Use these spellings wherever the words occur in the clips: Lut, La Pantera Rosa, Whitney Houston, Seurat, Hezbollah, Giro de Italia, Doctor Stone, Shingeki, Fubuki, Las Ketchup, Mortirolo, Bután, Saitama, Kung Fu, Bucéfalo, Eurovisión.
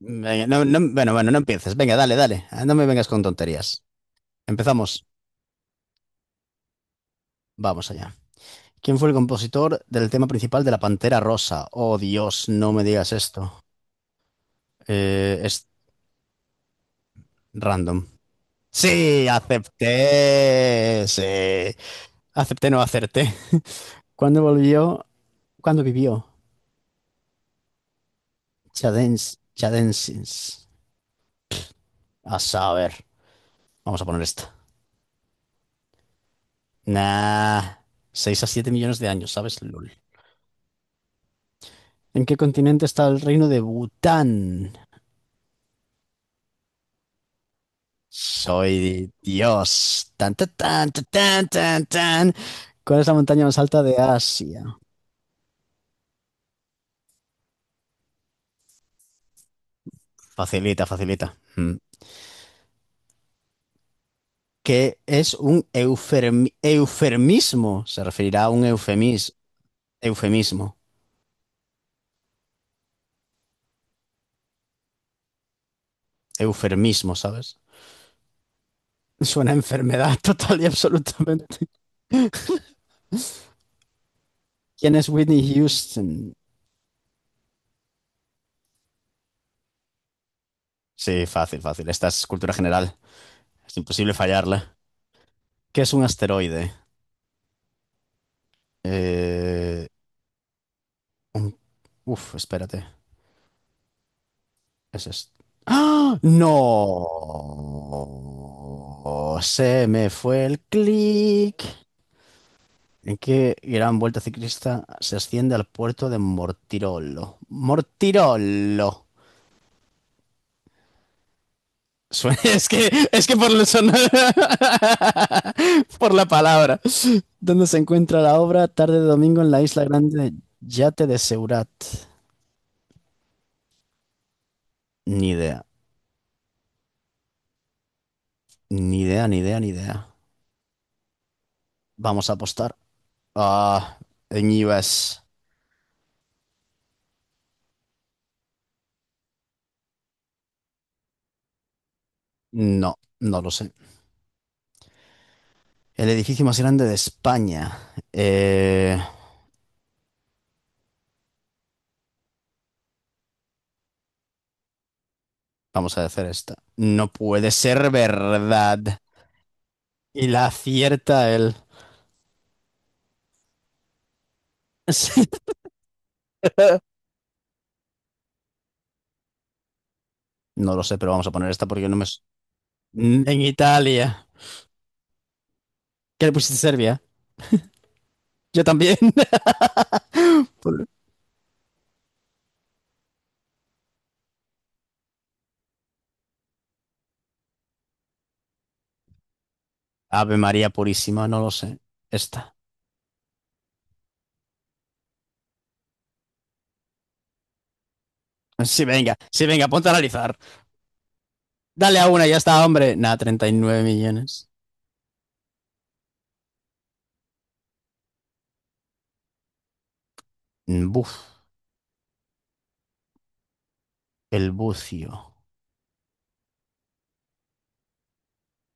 Venga, no empieces. Venga, dale. Ah, no me vengas con tonterías. Empezamos. Vamos allá. ¿Quién fue el compositor del tema principal de La Pantera Rosa? Oh, Dios, no me digas esto. Es random. Sí, acepté. Sí. Acepté, no acerté. ¿Cuándo volvió? ¿Cuándo vivió? Chadens, Chadensins. A saber. Vamos a poner esta. Nah. 6 a 7 millones de años, ¿sabes? LOL. ¿En qué continente está el reino de Bután? Soy Dios. Tan, tan, tan, tan, tan, tan, tan. ¿Cuál es la montaña más alta de Asia? Facilita, facilita. Mm. ¿Qué es un eufermismo? Se referirá a un eufemismo. Eufermismo, ¿sabes? Suena a enfermedad total y absolutamente. ¿Quién es Whitney Houston? Sí, fácil, fácil. Esta es cultura general. Es imposible fallarla. ¿Qué es un asteroide? Eh... Uf, espérate. Eso es. ¡Ah! ¡No! Se me fue el clic. ¿En qué gran vuelta ciclista se asciende al puerto de Mortirolo? Mortirolo. Es que por la por la palabra. ¿Dónde se encuentra la obra? Tarde de domingo en la isla grande Yate de Seurat. Ni idea. Ni idea. Vamos a apostar. Ah, en US no, no lo sé. El edificio más grande de España. Vamos a hacer esta. No puede ser verdad. Y la acierta él. Sí. No lo sé, pero vamos a poner esta porque no me... s- mm, en Italia. ¿Qué le pusiste Serbia? Yo también. Por- Ave María Purísima, no lo sé. Esta. Sí, venga, ponte a analizar. Dale a una, ya está, hombre. Nada, 39 millones. Buf, el bucio.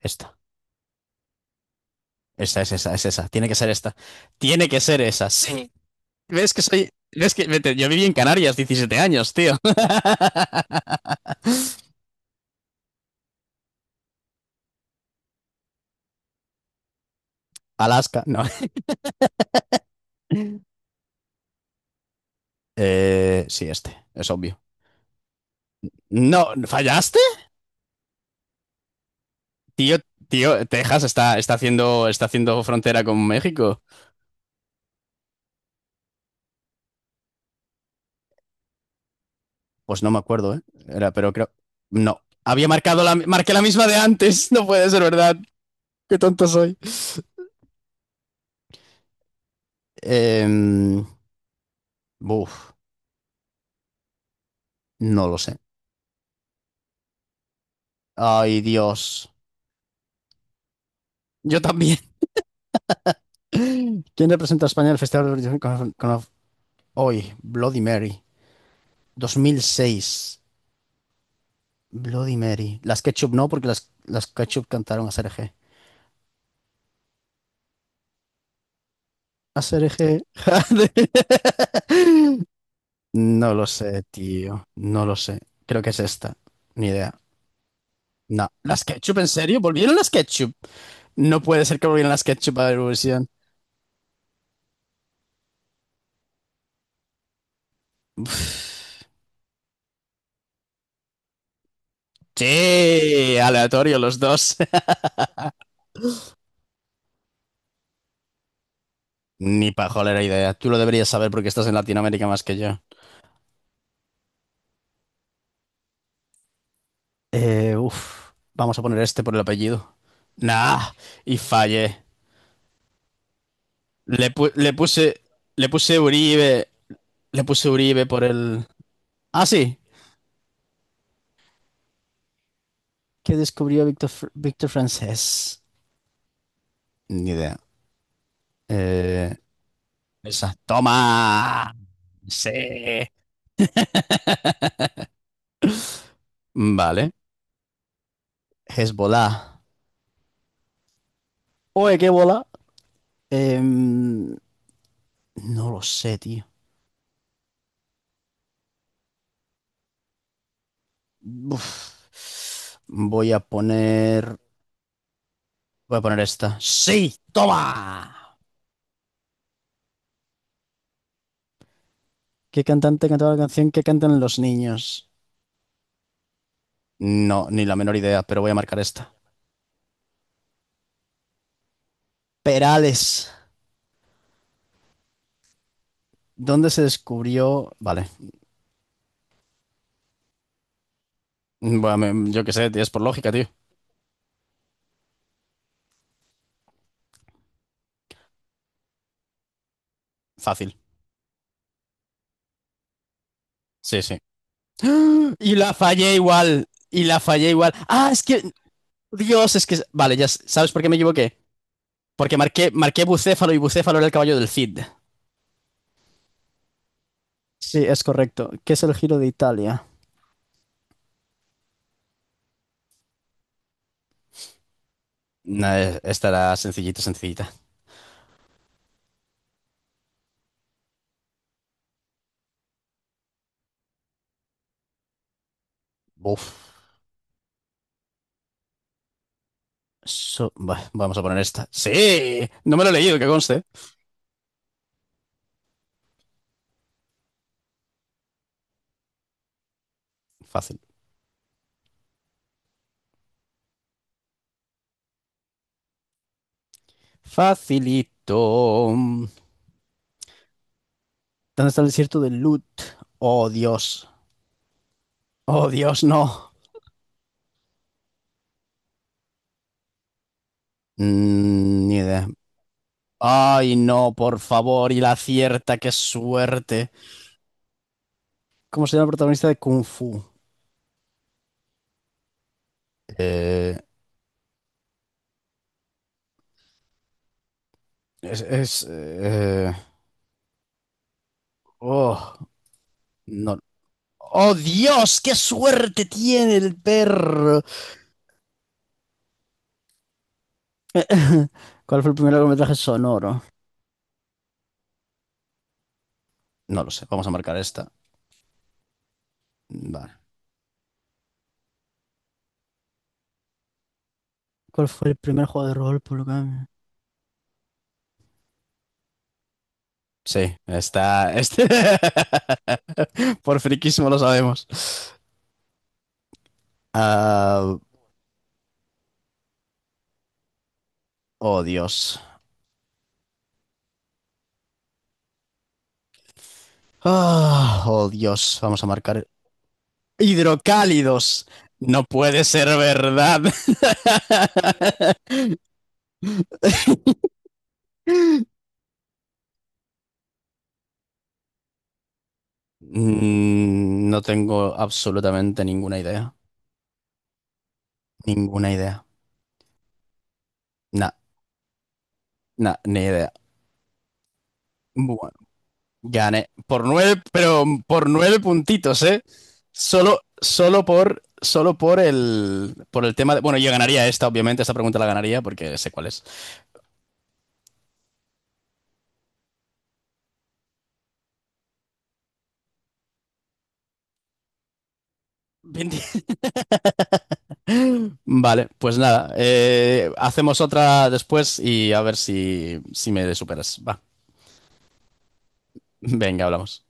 Esta. Es esa. Tiene que ser esta. Tiene que ser esa. Sí. ¿Ves que soy? ¿Ves que vete, yo viví en Canarias 17 años, tío? Alaska, no. Sí, este, es obvio. No, ¿fallaste? Tío, tío, Texas está está haciendo frontera con México. Pues no me acuerdo, ¿eh? Era, pero creo. No. Había marcado marqué la misma de antes. No puede ser verdad. Qué tonto soy. Em, buf, no lo sé. Ay, Dios. Yo también. ¿Quién representa a España en el Festival de Eurovisión hoy? Bloody Mary. 2006. Bloody Mary. Las Ketchup no, porque las Ketchup cantaron a Serge. A Serge. No lo sé, tío. No lo sé. Creo que es esta. Ni idea. No. ¿Las Ketchup, en serio? ¿Volvieron las Ketchup? No puede ser que volvieran las Ketchup a Eurovisión. Sí, aleatorio los dos. Ni pajolera idea. Tú lo deberías saber porque estás en Latinoamérica más que yo. Vamos a poner este por el apellido. Nah, y fallé. Le, pu- le puse, le puse Uribe, le puse Uribe por el. Ah, sí. ¿Qué descubrió Víctor Francés? Ni idea. Eh, esa. Toma. Sí. Vale. Hezbollah. Oye, ¿qué bola? Em, no lo sé, tío. Uf. Voy a poner, voy a poner esta. Sí, toma. ¿Qué cantante cantaba la canción que cantan los niños? No, ni la menor idea, pero voy a marcar esta. Perales. ¿Dónde se descubrió? Vale. Yo qué sé, tío, es por lógica, tío. Fácil. Sí, sí. ¡Ah! Y la fallé igual. Y la fallé igual. Ah, es que. Dios, es que. Vale, ya sabes por qué me equivoqué. Porque marqué Bucéfalo y Bucéfalo era el caballo del Cid. Sí, es correcto. ¿Qué es el Giro de Italia? No, esta era sencillita, sencillita. Uf. Vamos a poner esta. ¡Sí! No me lo he leído, que conste. Fácil. Facilito. ¿Dónde está el desierto de Lut? Oh, Dios. Oh, Dios, no. Mm, ni idea. Ay, no, por favor. Y la cierta, qué suerte. ¿Cómo se llama el protagonista de Kung Fu? Eh, es... es, eh, oh, no. ¡Oh, Dios! ¡Qué suerte tiene el perro! ¿Cuál fue el primer largometraje sonoro? No lo sé. Vamos a marcar esta. Vale. ¿Cuál fue el primer juego de rol, por lo que... me- sí, está. Este... Por friquismo lo sabemos. Ah, oh, Dios. Ah, oh, Dios. Vamos a marcar. Hidrocálidos. No puede ser verdad. Mm, no tengo absolutamente ninguna idea. Ninguna idea. Nah, nah, ni idea. Bu- Gané por nueve, pero por nueve puntitos, ¿eh? Solo por el tema de... Bueno, yo ganaría esta, obviamente, esta pregunta la ganaría porque sé cuál es. 20. Vale, pues nada, hacemos otra después y a ver si me superas. Va, venga, hablamos.